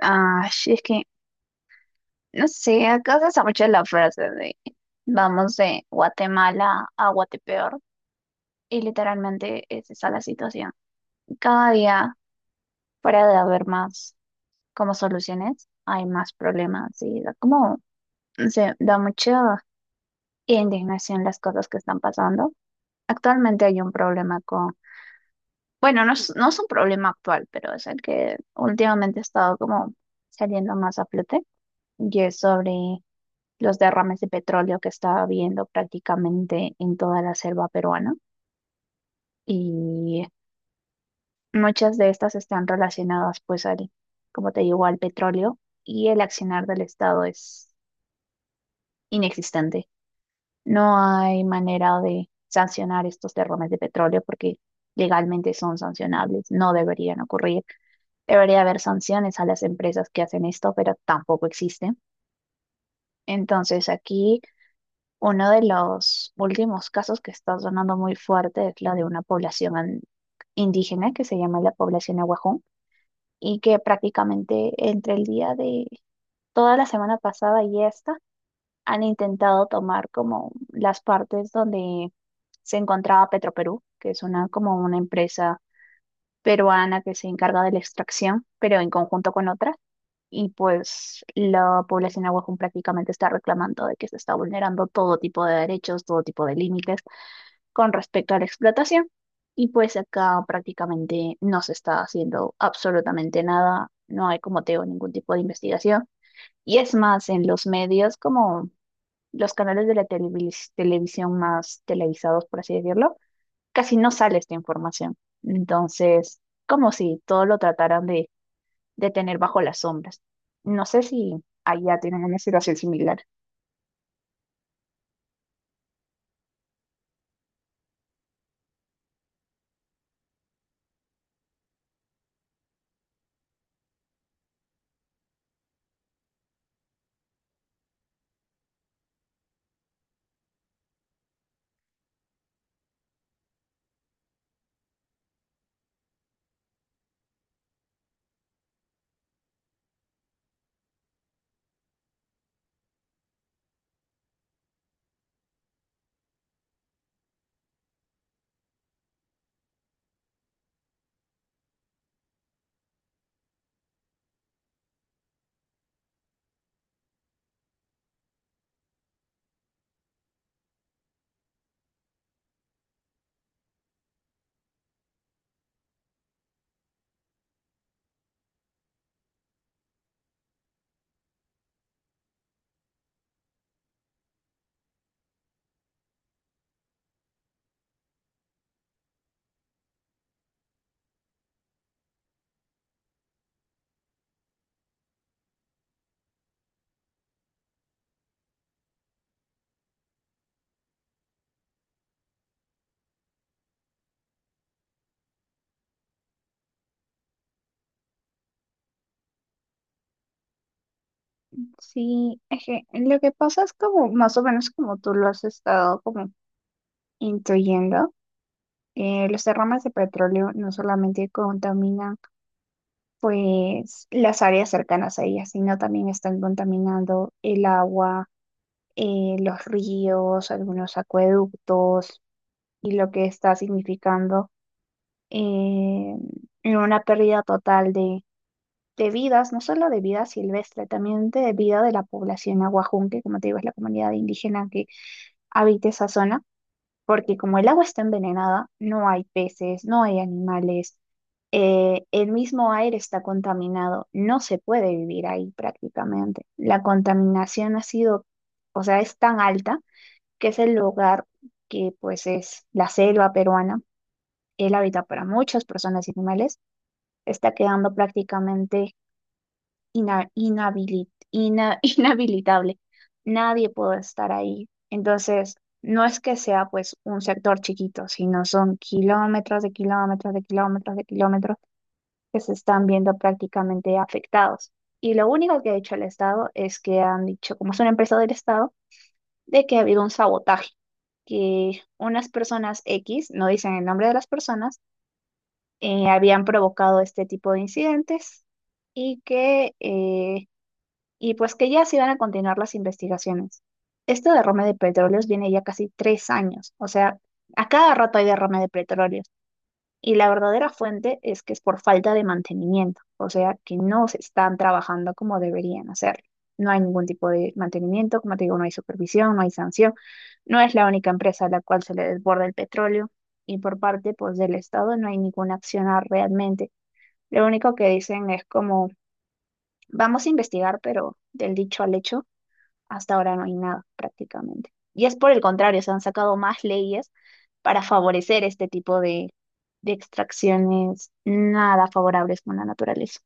Ah, sí, es que, no sé, acá se usa mucho la frase de vamos de Guatemala a Guatepeor y literalmente es esa la situación. Cada día, fuera de haber más como soluciones, hay más problemas y da como, no sé, da mucha indignación las cosas que están pasando. Actualmente hay un problema con, bueno, no es un problema actual, pero es el que últimamente ha estado como saliendo más a flote y es sobre los derrames de petróleo que estaba habiendo prácticamente en toda la selva peruana. Y muchas de estas están relacionadas, pues, al, como te digo, al petróleo y el accionar del Estado es inexistente. No hay manera de sancionar estos derrames de petróleo porque legalmente son sancionables, no deberían ocurrir. Debería haber sanciones a las empresas que hacen esto, pero tampoco existen. Entonces, aquí. Uno de los últimos casos que está sonando muy fuerte es la de una población indígena que se llama la población Aguajón, y que prácticamente entre el día de toda la semana pasada y esta han intentado tomar como las partes donde se encontraba Petroperú, que es una como una empresa peruana que se encarga de la extracción, pero en conjunto con otra. Y pues la población Aguajón prácticamente está reclamando de que se está vulnerando todo tipo de derechos, todo tipo de límites con respecto a la explotación. Y pues acá prácticamente no se está haciendo absolutamente nada, no hay como te digo ningún tipo de investigación. Y es más, en los medios como los canales de la televisión más televisados, por así decirlo, casi no sale esta información. Entonces, como si todo lo trataran de tener bajo las sombras. No sé si allá tienen una situación similar. Sí, es que lo que pasa es como más o menos como tú lo has estado como intuyendo. Los derrames de petróleo no solamente contaminan pues las áreas cercanas a ellas, sino también están contaminando el agua, los ríos, algunos acueductos y lo que está significando, eh, una pérdida total de vidas, no solo de vida silvestre, también de vida de la población aguajún, que como te digo es la comunidad indígena que habita esa zona, porque como el agua está envenenada, no hay peces, no hay animales, el mismo aire está contaminado, no se puede vivir ahí prácticamente. La contaminación ha sido, o sea, es tan alta, que es el lugar que pues es la selva peruana, el hábitat para muchas personas y animales, está quedando prácticamente inhabilitable. Nadie puede estar ahí. Entonces, no es que sea pues un sector chiquito, sino son kilómetros de kilómetros de kilómetros de kilómetros que se están viendo prácticamente afectados. Y lo único que ha hecho el Estado es que han dicho, como es una empresa del Estado, de que ha habido un sabotaje, que unas personas X, no dicen el nombre de las personas, habían provocado este tipo de incidentes, y que eh, y pues que ya se iban a continuar las investigaciones. Este derrame de petróleos viene ya casi 3 años, o sea, a cada rato hay derrame de petróleos, y la verdadera fuente es que es por falta de mantenimiento, o sea, que no se están trabajando como deberían hacerlo. No hay ningún tipo de mantenimiento, como te digo, no hay supervisión, no hay sanción, no es la única empresa a la cual se le desborda el petróleo, y por parte pues del Estado no hay ninguna acción realmente. Lo único que dicen es como, vamos a investigar, pero del dicho al hecho hasta ahora no hay nada prácticamente. Y es por el contrario, se han sacado más leyes para favorecer este tipo de extracciones nada favorables con la naturaleza.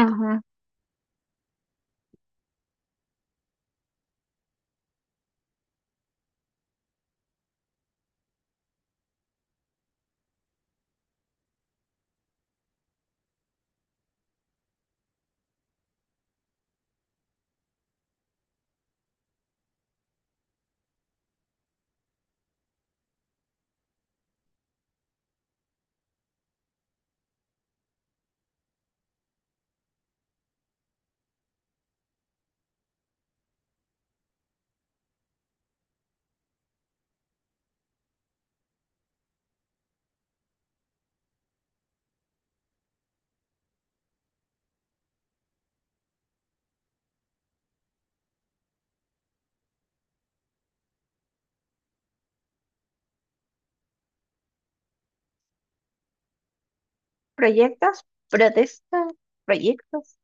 Ujú. ¿Proyectas? ¿Protestas? ¿Proyectos?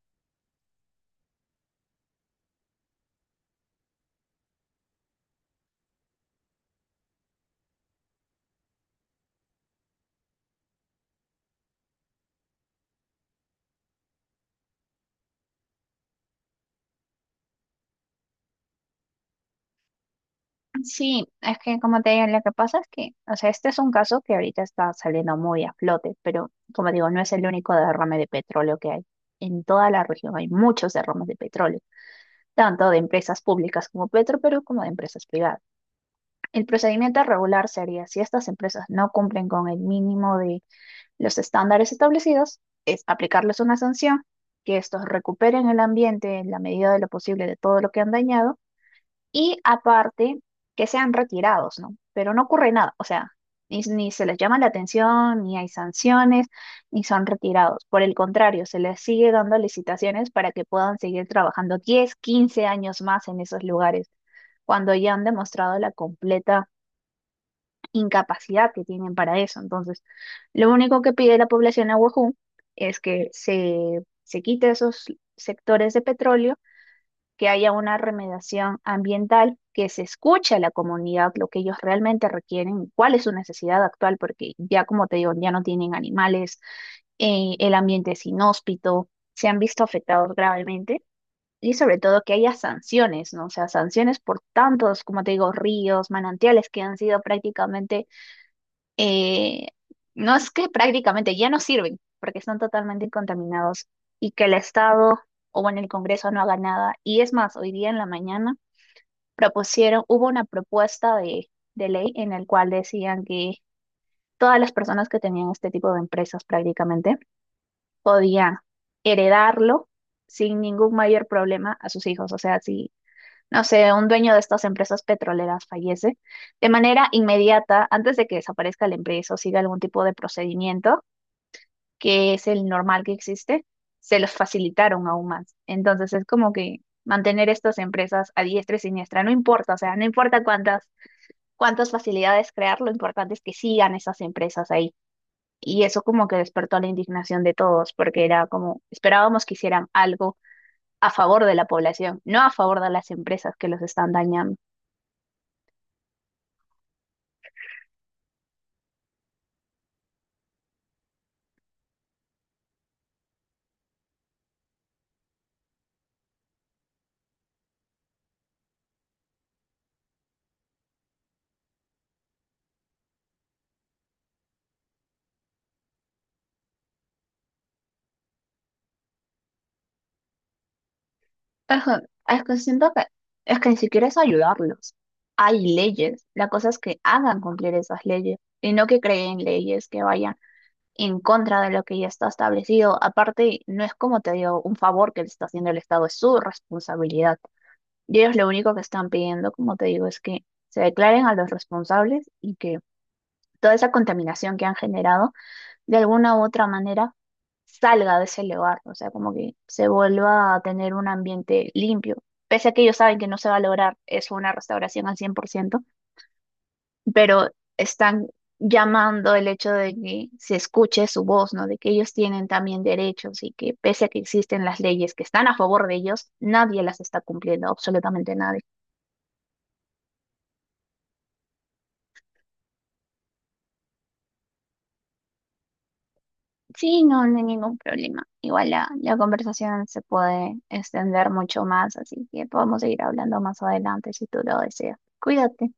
Sí, es que como te digo, lo que pasa es que, o sea, este es un caso que ahorita está saliendo muy a flote, pero como digo, no es el único derrame de petróleo que hay. En toda la región hay muchos derrames de petróleo, tanto de empresas públicas como Petro, pero como de empresas privadas. El procedimiento regular sería, si estas empresas no cumplen con el mínimo de los estándares establecidos, es aplicarles una sanción, que estos recuperen el ambiente en la medida de lo posible de todo lo que han dañado, y aparte que sean retirados, ¿no? Pero no ocurre nada, o sea, ni se les llama la atención, ni hay sanciones, ni son retirados. Por el contrario, se les sigue dando licitaciones para que puedan seguir trabajando 10, 15 años más en esos lugares, cuando ya han demostrado la completa incapacidad que tienen para eso. Entonces, lo único que pide la población de Oahu es que se quite esos sectores de petróleo, que haya una remediación ambiental, que se escuche a la comunidad lo que ellos realmente requieren, cuál es su necesidad actual, porque ya como te digo, ya no tienen animales, el ambiente es inhóspito, se han visto afectados gravemente. Y sobre todo que haya sanciones, ¿no? O sea, sanciones por tantos, como te digo, ríos, manantiales que han sido prácticamente, eh, no es que prácticamente ya no sirven porque están totalmente contaminados, y que el Estado, o bueno, el Congreso no haga nada. Y es más, hoy día en la mañana propusieron, hubo una propuesta de ley en el cual decían que todas las personas que tenían este tipo de empresas prácticamente podían heredarlo sin ningún mayor problema a sus hijos. O sea, si no sé, un dueño de estas empresas petroleras fallece, de manera inmediata, antes de que desaparezca la empresa o siga algún tipo de procedimiento, que es el normal que existe, se los facilitaron aún más. Entonces es como que mantener estas empresas a diestra y siniestra, no importa, o sea, no importa cuántas facilidades crear, lo importante es que sigan esas empresas ahí. Y eso como que despertó la indignación de todos, porque era como, esperábamos que hicieran algo a favor de la población, no a favor de las empresas que los están dañando. Es que, es que siento que es que ni siquiera es ayudarlos. Hay leyes. La cosa es que hagan cumplir esas leyes y no que creen leyes que vayan en contra de lo que ya está establecido. Aparte, no es como te digo, un favor que le está haciendo el Estado, es su responsabilidad. Y ellos lo único que están pidiendo, como te digo, es que se declaren a los responsables y que toda esa contaminación que han generado, de alguna u otra manera, salga de ese lugar, o sea, como que se vuelva a tener un ambiente limpio. Pese a que ellos saben que no se va a lograr eso, una restauración al 100%, pero están llamando el hecho de que se escuche su voz, ¿no? De que ellos tienen también derechos, y que pese a que existen las leyes que están a favor de ellos, nadie las está cumpliendo, absolutamente nadie. Sí, no, no hay ningún problema. Igual la conversación se puede extender mucho más, así que podemos seguir hablando más adelante si tú lo deseas. Cuídate.